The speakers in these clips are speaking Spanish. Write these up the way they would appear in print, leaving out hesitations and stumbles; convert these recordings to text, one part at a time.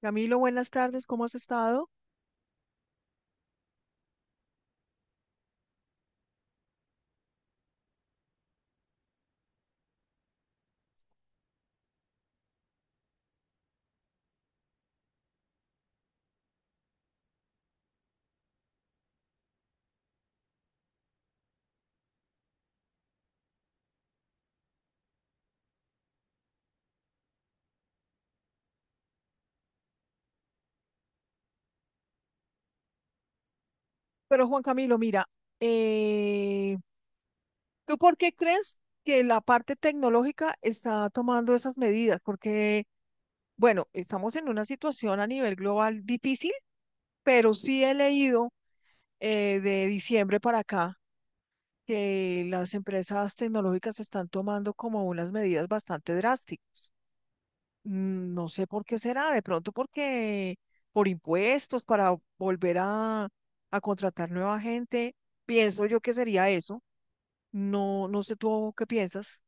Camilo, buenas tardes, ¿cómo has estado? Pero Juan Camilo, mira, eh, ¿tú por qué crees que la parte tecnológica está tomando esas medidas? Porque, bueno, estamos en una situación a nivel global difícil, pero sí he leído de diciembre para acá que las empresas tecnológicas están tomando como unas medidas bastante drásticas. No sé por qué será, de pronto porque por impuestos, para volver a contratar nueva gente, pienso yo que sería eso. No, no sé tú qué piensas.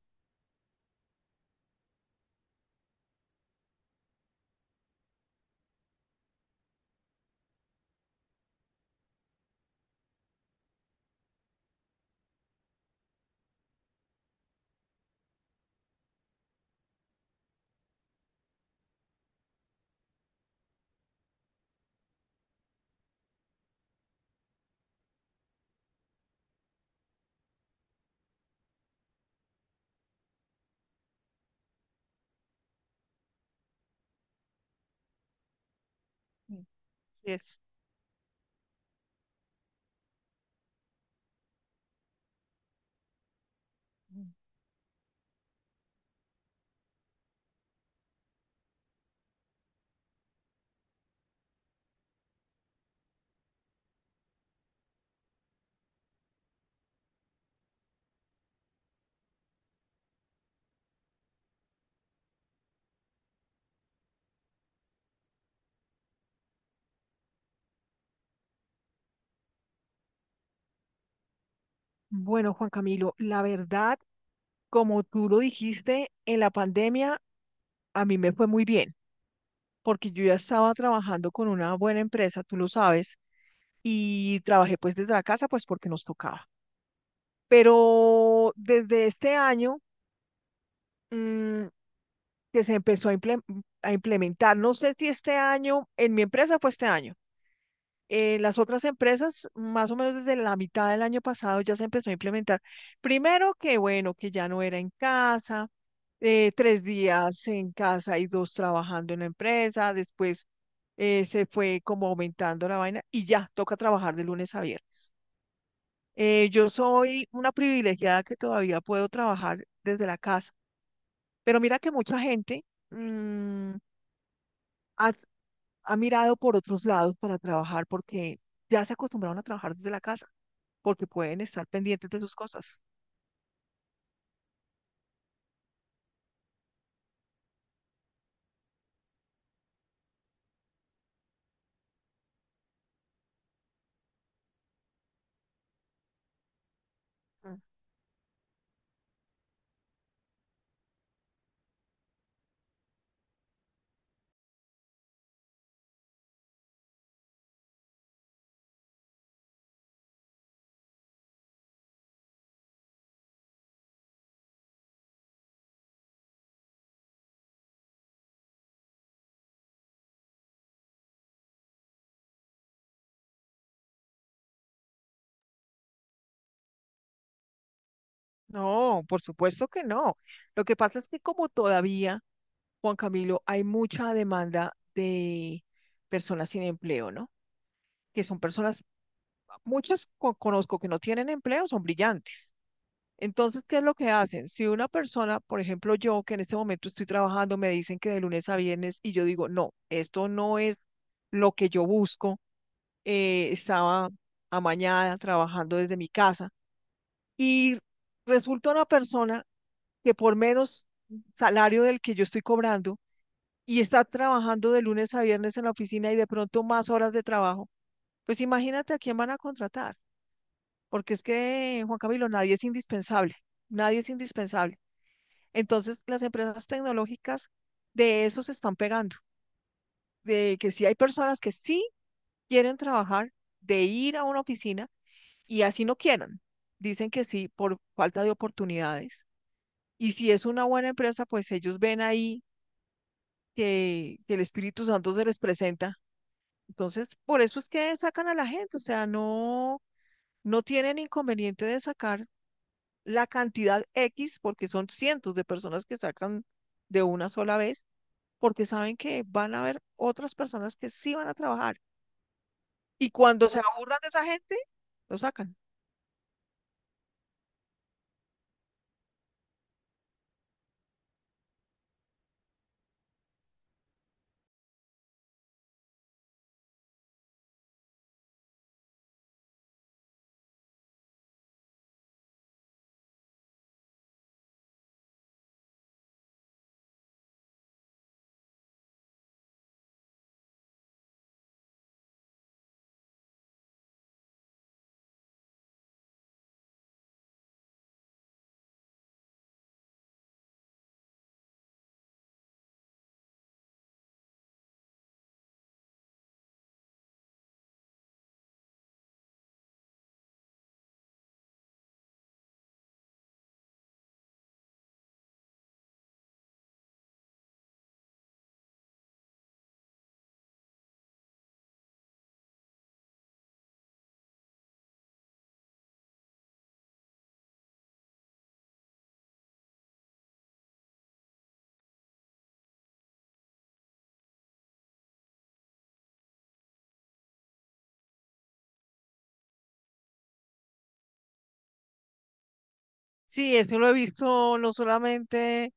Mm. Yes. Mm. Bueno, Juan Camilo, la verdad, como tú lo dijiste, en la pandemia a mí me fue muy bien, porque yo ya estaba trabajando con una buena empresa, tú lo sabes, y trabajé pues desde la casa, pues porque nos tocaba. Pero desde este año, mm, que se empezó a, imple a implementar. No sé si este año, en mi empresa fue este año. En las otras empresas, más o menos desde la mitad del año pasado, ya se empezó a implementar. Primero que bueno, que ya no era en casa, tres días en casa y dos trabajando en la empresa. Después se fue como aumentando la vaina y ya toca trabajar de lunes a viernes. Yo soy una privilegiada que todavía puedo trabajar desde la casa, pero mira que mucha gente mm, ha, ha mirado por otros lados para trabajar porque ya se acostumbraron a trabajar desde la casa, porque pueden estar pendientes de sus cosas. Mm. No, por supuesto que no. Lo que pasa es que como todavía, Juan Camilo, hay mucha demanda de personas sin empleo, ¿no? Que son personas, muchas conozco que no tienen empleo, son brillantes. Entonces, ¿qué es lo que hacen? Si una persona, por ejemplo, yo que en este momento estoy trabajando, me dicen que de lunes a viernes y yo digo, no, esto no es lo que yo busco, estaba amañada trabajando desde mi casa y resulta una persona que por menos salario del que yo estoy cobrando y está trabajando de lunes a viernes en la oficina y de pronto más horas de trabajo, pues imagínate a quién van a contratar, porque es que, Juan Camilo, nadie es indispensable, nadie es indispensable. Entonces, las empresas tecnológicas de eso se están pegando, de que sí hay personas que sí quieren trabajar, de ir a una oficina y así no quieran. Dicen que sí por falta de oportunidades. Y si es una buena empresa, pues ellos ven ahí que el Espíritu Santo se les presenta. Entonces, por eso es que sacan a la gente, o sea, no, no tienen inconveniente de sacar la cantidad X, porque son cientos de personas que sacan de una sola vez, porque saben que van a haber otras personas que sí van a trabajar y cuando se aburran de esa gente, lo sacan. Sí, eso lo he visto no solamente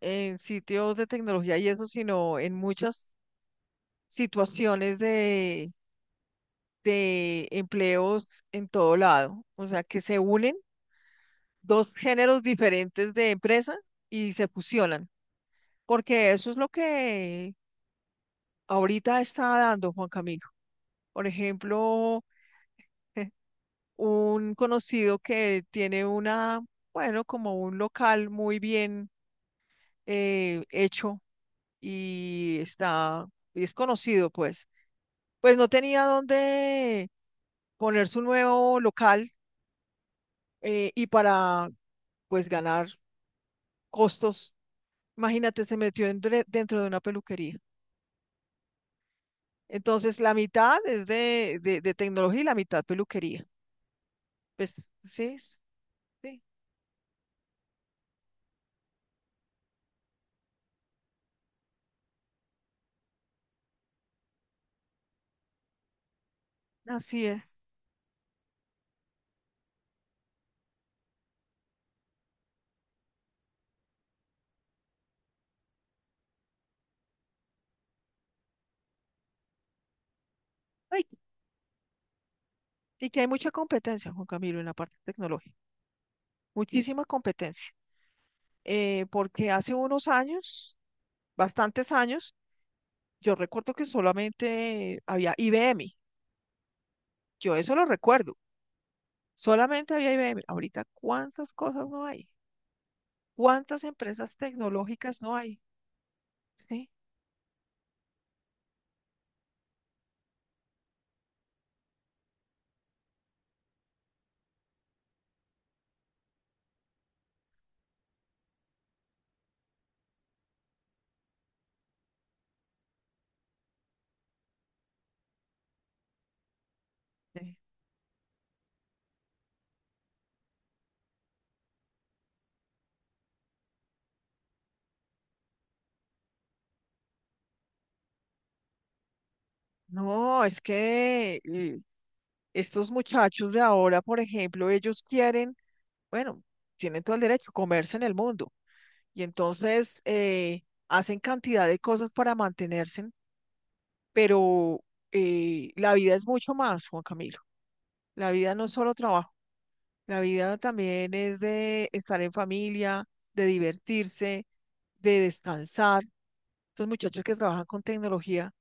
en sitios de tecnología y eso, sino en muchas situaciones de empleos en todo lado. O sea, que se unen dos géneros diferentes de empresa y se fusionan, porque eso es lo que ahorita está dando Juan Camilo. Por ejemplo, un conocido que tiene una, bueno, como un local muy bien hecho y está, y es conocido, pues. Pues no tenía dónde poner su nuevo local y para, pues, ganar costos, imagínate, se metió dentro de una peluquería. Entonces, la mitad es de tecnología y la mitad peluquería. Pues, sí, sí, sí, así es. Ay, y que hay mucha competencia, Juan Camilo, en la parte tecnológica. Muchísima competencia, porque hace unos años, bastantes años, yo recuerdo que solamente había IBM, yo eso lo recuerdo, solamente había IBM. Ahorita, ¿cuántas cosas no hay? ¿Cuántas empresas tecnológicas no hay? Sí. eh, No, es que estos muchachos de ahora, por ejemplo, ellos quieren, bueno, tienen todo el derecho, comerse en el mundo. Y entonces hacen cantidad de cosas para mantenerse pero la vida es mucho más, Juan Camilo. La vida no es solo trabajo, la vida también es de estar en familia, de divertirse, de descansar. Estos muchachos que trabajan con tecnología,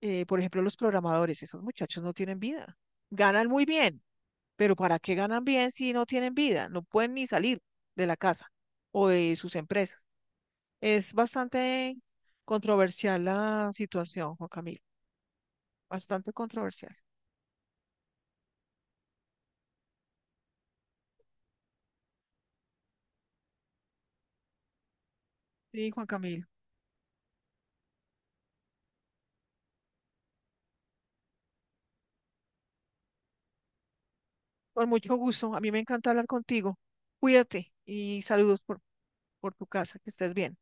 por ejemplo, los programadores, esos muchachos no tienen vida. Ganan muy bien, pero ¿para qué ganan bien si no tienen vida? No pueden ni salir de la casa o de sus empresas. Es bastante controversial la situación, Juan Camilo. Bastante controversial. Sí, Juan Camilo. Con mucho gusto. A mí me encanta hablar contigo. Cuídate y saludos por tu casa. Que estés bien.